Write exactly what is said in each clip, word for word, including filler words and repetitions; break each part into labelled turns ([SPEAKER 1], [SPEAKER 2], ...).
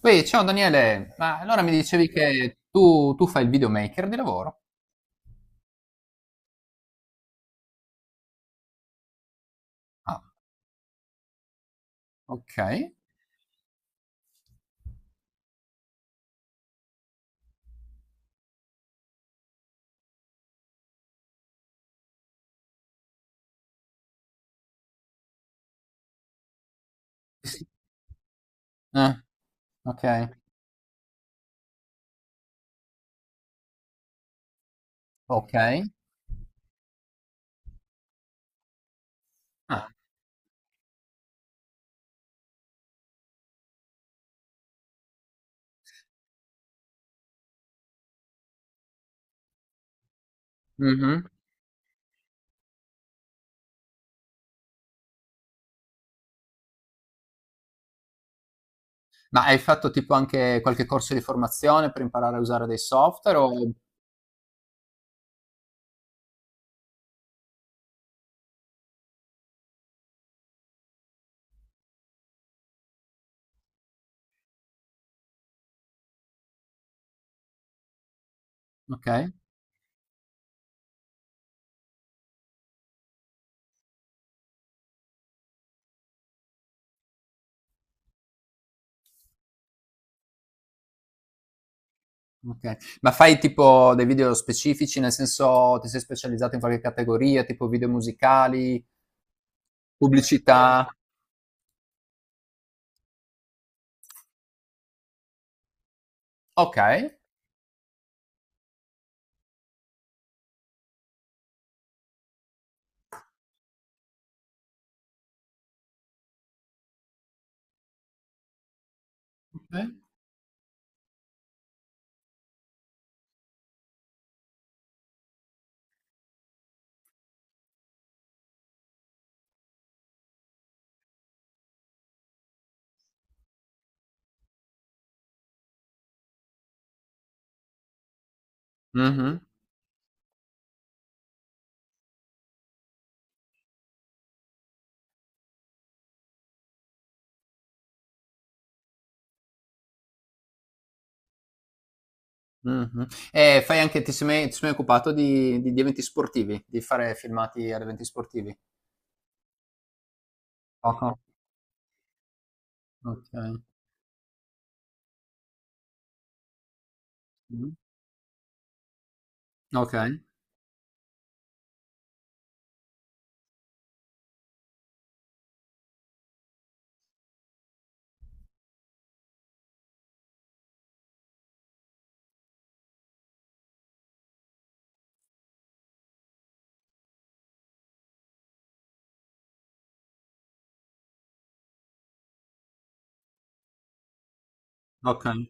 [SPEAKER 1] Poi, ciao Daniele, ma allora mi dicevi che tu, tu fai il videomaker di lavoro? Ah, ok. Eh, ok, ok. Ah, mhm. Ma hai fatto tipo anche qualche corso di formazione per imparare a usare dei software? o- Ok, ok. Ma fai tipo dei video specifici, nel senso ti sei specializzato in qualche categoria, tipo video musicali, pubblicità? Ok. Ok. Mh-mh. E fai anche ti sei mai ti sei mai occupato di di di eventi sportivi? Di fare filmati ad eventi sportivi? Poco? Okay. Mh. Okay, okay,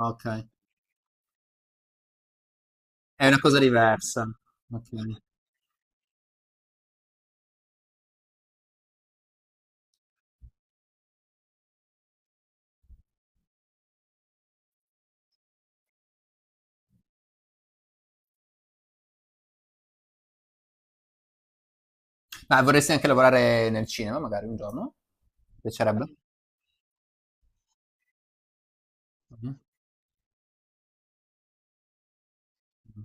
[SPEAKER 1] okay. È una cosa diversa. Okay. Ma vorresti anche lavorare nel cinema magari un giorno? Ti piacerebbe? Mh-mh. Mh.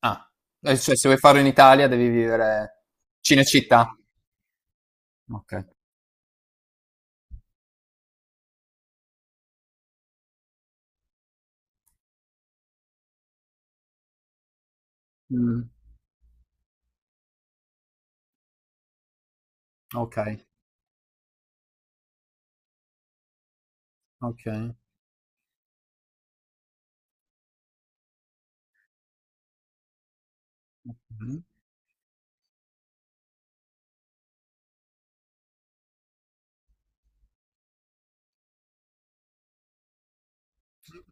[SPEAKER 1] Ah, eh, cioè se vuoi farlo in Italia devi vivere. Cinecittà? Okay. Mh. Okay, okay. Mh.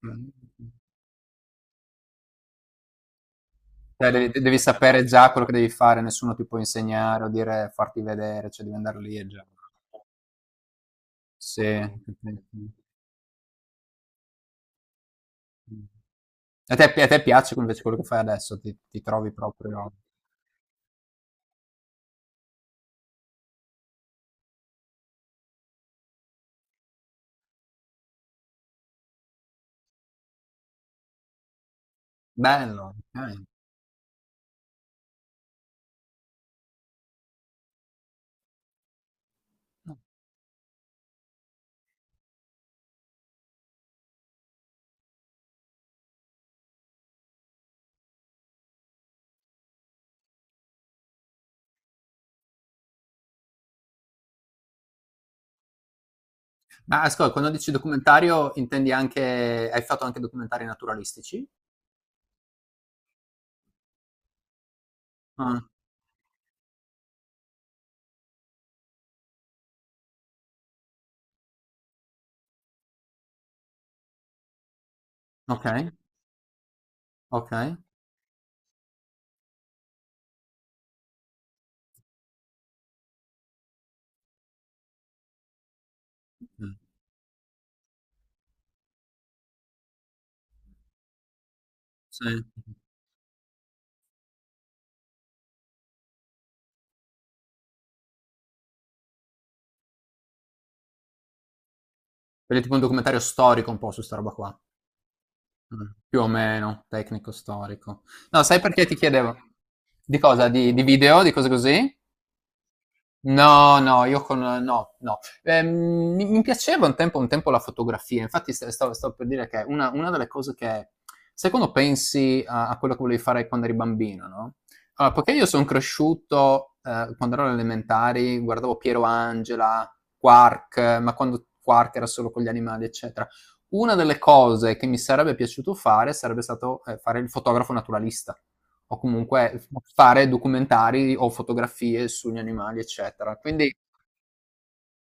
[SPEAKER 1] Mh. Cioè, devi, devi sapere già quello che devi fare, nessuno ti può insegnare o dire farti vedere, cioè devi andare lì e già. Sì. A te, a te piace invece quello che fai adesso? Ti, ti trovi proprio bello. Ok. Ma ascolta, quando dici documentario intendi anche, hai fatto anche documentari naturalistici? Ah, ok, ok. Mm, sì. Quindi è tipo un documentario storico un po' su sta roba qua. Mh, più o meno, tecnico storico. No, sai perché ti chiedevo? Di cosa? Di di video? Di cose così? No, no, io con no, no. Ehm, mi mi piaceva un tempo un tempo la fotografia, infatti st stavo stavo per dire che una una delle cose che sai quando pensi a a quello che volevi fare quando eri bambino, no, allora poiché io son cresciuto, ehm, quando ero alle elementari guardavo Piero Angela, Quark, ma quando Quark era solo con gli animali, eccetera. Una delle cose che mi sarebbe piaciuto fare sarebbe stato ehm, fare il fotografo naturalista o comunque f- fare documentari o fotografie sugli animali, eccetera. Quindi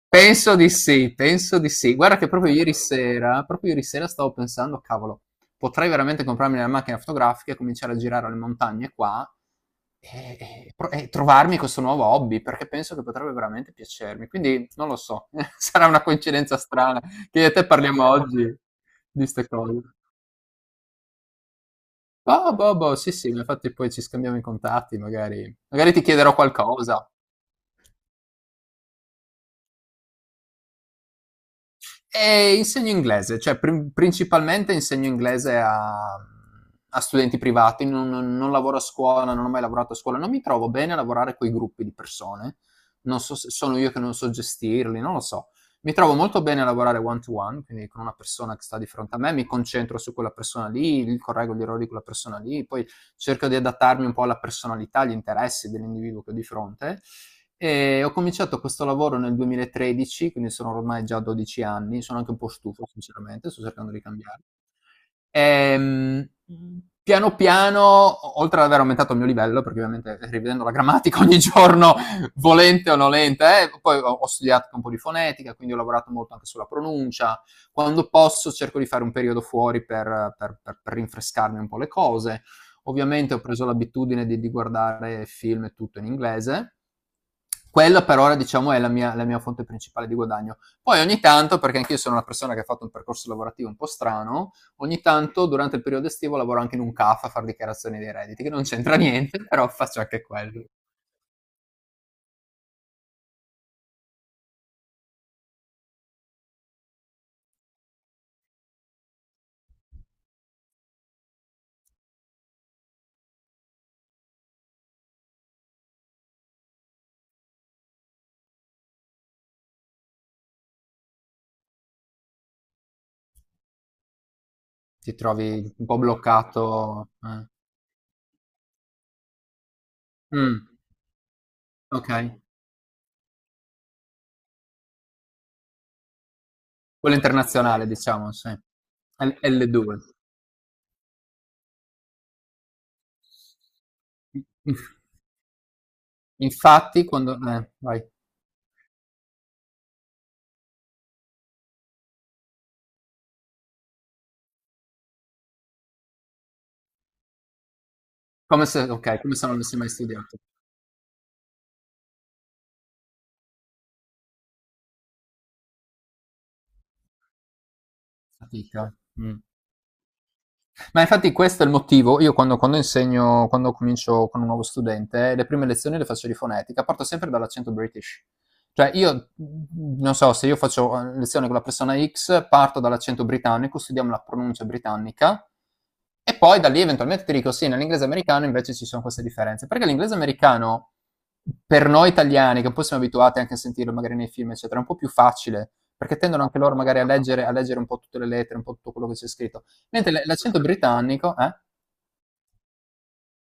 [SPEAKER 1] penso di sì, penso di sì. Guarda che proprio ieri sera, proprio ieri sera stavo pensando, cavolo, potrei veramente comprarmi una macchina fotografica e cominciare a girare alle montagne qua e, e pro- e trovarmi questo nuovo hobby, perché penso che potrebbe veramente piacermi. Quindi non lo so, sarà una coincidenza strana che io e te parliamo oggi di queste cose. Boh, boh, boh, sì, sì, ma infatti poi ci scambiamo i contatti, magari magari ti chiederò qualcosa. E insegno inglese, cioè prin- principalmente insegno inglese a, a studenti privati, non, non- non lavoro a scuola, non ho mai lavorato a scuola, non mi trovo bene a lavorare con i gruppi di persone, non so se sono io che non so gestirli, non lo so. Mi trovo molto bene a lavorare one to one, quindi con una persona che sta di fronte a me, mi concentro su quella persona lì, correggo gli errori di quella persona lì, poi cerco di adattarmi un po' alla personalità, agli interessi dell'individuo che ho di fronte, e ho cominciato questo lavoro nel duemilatredici, quindi sono ormai già dodici anni, sono anche un po' stufo sinceramente, sto cercando di cambiare. Ehm, piano piano, o oltre ad aver aumentato il mio livello, perché ovviamente rivedendo la grammatica ogni giorno, volente o nolente, eh, poi ho, ho studiato anche un po' di fonetica, quindi ho lavorato molto anche sulla pronuncia. Quando posso cerco di fare un periodo fuori per, per- per- per rinfrescarmi un po' le cose. Ovviamente ho preso l'abitudine di, di guardare film e tutto in inglese. Quella per ora, diciamo, è la mia, la mia fonte principale di guadagno. Poi ogni tanto, perché anch'io sono una persona che ha fatto un percorso lavorativo un po' strano, ogni tanto durante il periodo estivo lavoro anche in un CAF a F a fare dichiarazioni dei redditi, che non c'entra niente, però faccio anche quello. Ti trovi un po' bloccato, eh. Mm, ok. Quello internazionale, diciamo, sì. L- L2. Infatti, quando... eh, vai. Come se Okay, come se non avessi mai studiato. Fatica. Mh. Ma infatti questo è il motivo, io quando, quando insegno, quando comincio con un nuovo studente, eh, le prime lezioni le faccio di fonetica, parto sempre dall'accento british. Cioè io, non so, se io faccio eh, lezione con la persona X, parto dall'accento britannico, studiamo la pronuncia britannica e poi da lì eventualmente ti dico sì, nell'inglese americano invece ci sono queste differenze. Perché l'inglese americano, per noi italiani, che un po' siamo abituati anche a sentirlo magari nei film, eccetera, è un po' più facile perché tendono anche loro magari a leggere, a leggere, un po' tutte le lettere, un po' tutto quello che c'è scritto. Mentre l l'accento britannico, eh?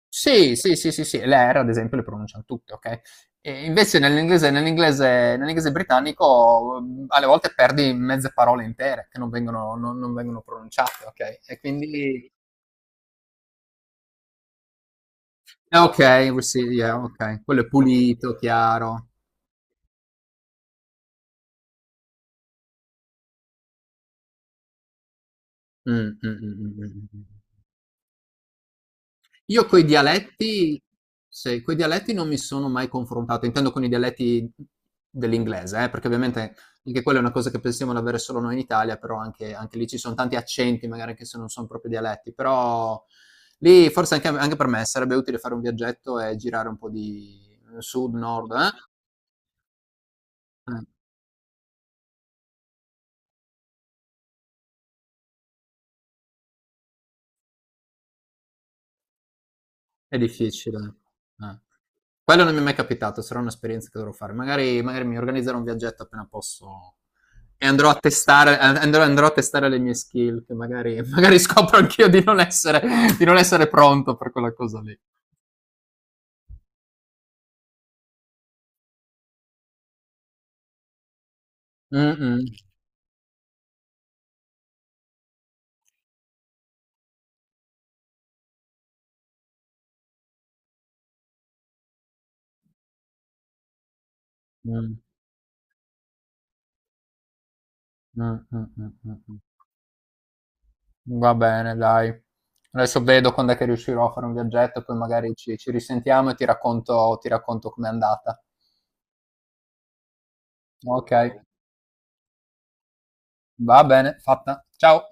[SPEAKER 1] Sì, sì, sì, sì, sì, le R ad esempio le pronunciano tutte, okay? E invece nell'inglese nell'inglese nell'inglese britannico, mhmm, alle volte perdi mezze parole intere che non vengono non non vengono pronunciate, okay? E quindi eh okay, we see yeah, okay. Quello è pulito, chiaro. Mh, mh, mh, mh, mh, mh, mh. Io coi dialetti, sì, coi dialetti non mi sono mai confrontato, intendo con i dialetti dell'inglese, eh, perché ovviamente anche quella è una cosa che pensiamo di avere solo noi in Italia, però anche, anche lì ci sono tanti accenti, magari anche se non sono proprio dialetti, però lì forse anche, anche per me sarebbe utile fare un viaggetto e girare un po' di sud, nord, eh? Eh. È difficile, eh. Quello non mi è mai capitato, sarà un'esperienza che dovrò fare. Magari magari mi organizzerò un viaggetto appena posso e andrò a testare a andrò andrò a testare le mie skill che magari magari scopro anch'io di non essere di non essere pronto per quella cosa lì. Mh-mh. Mh. Mh, mh, mh, mh, mh. Va bene dai. Adesso vedo quand'è che riuscirò a fare un viaggetto, poi magari ci ci risentiamo e ti racconto ti racconto com'è andata. Okay, va bene, fatta. Ciao.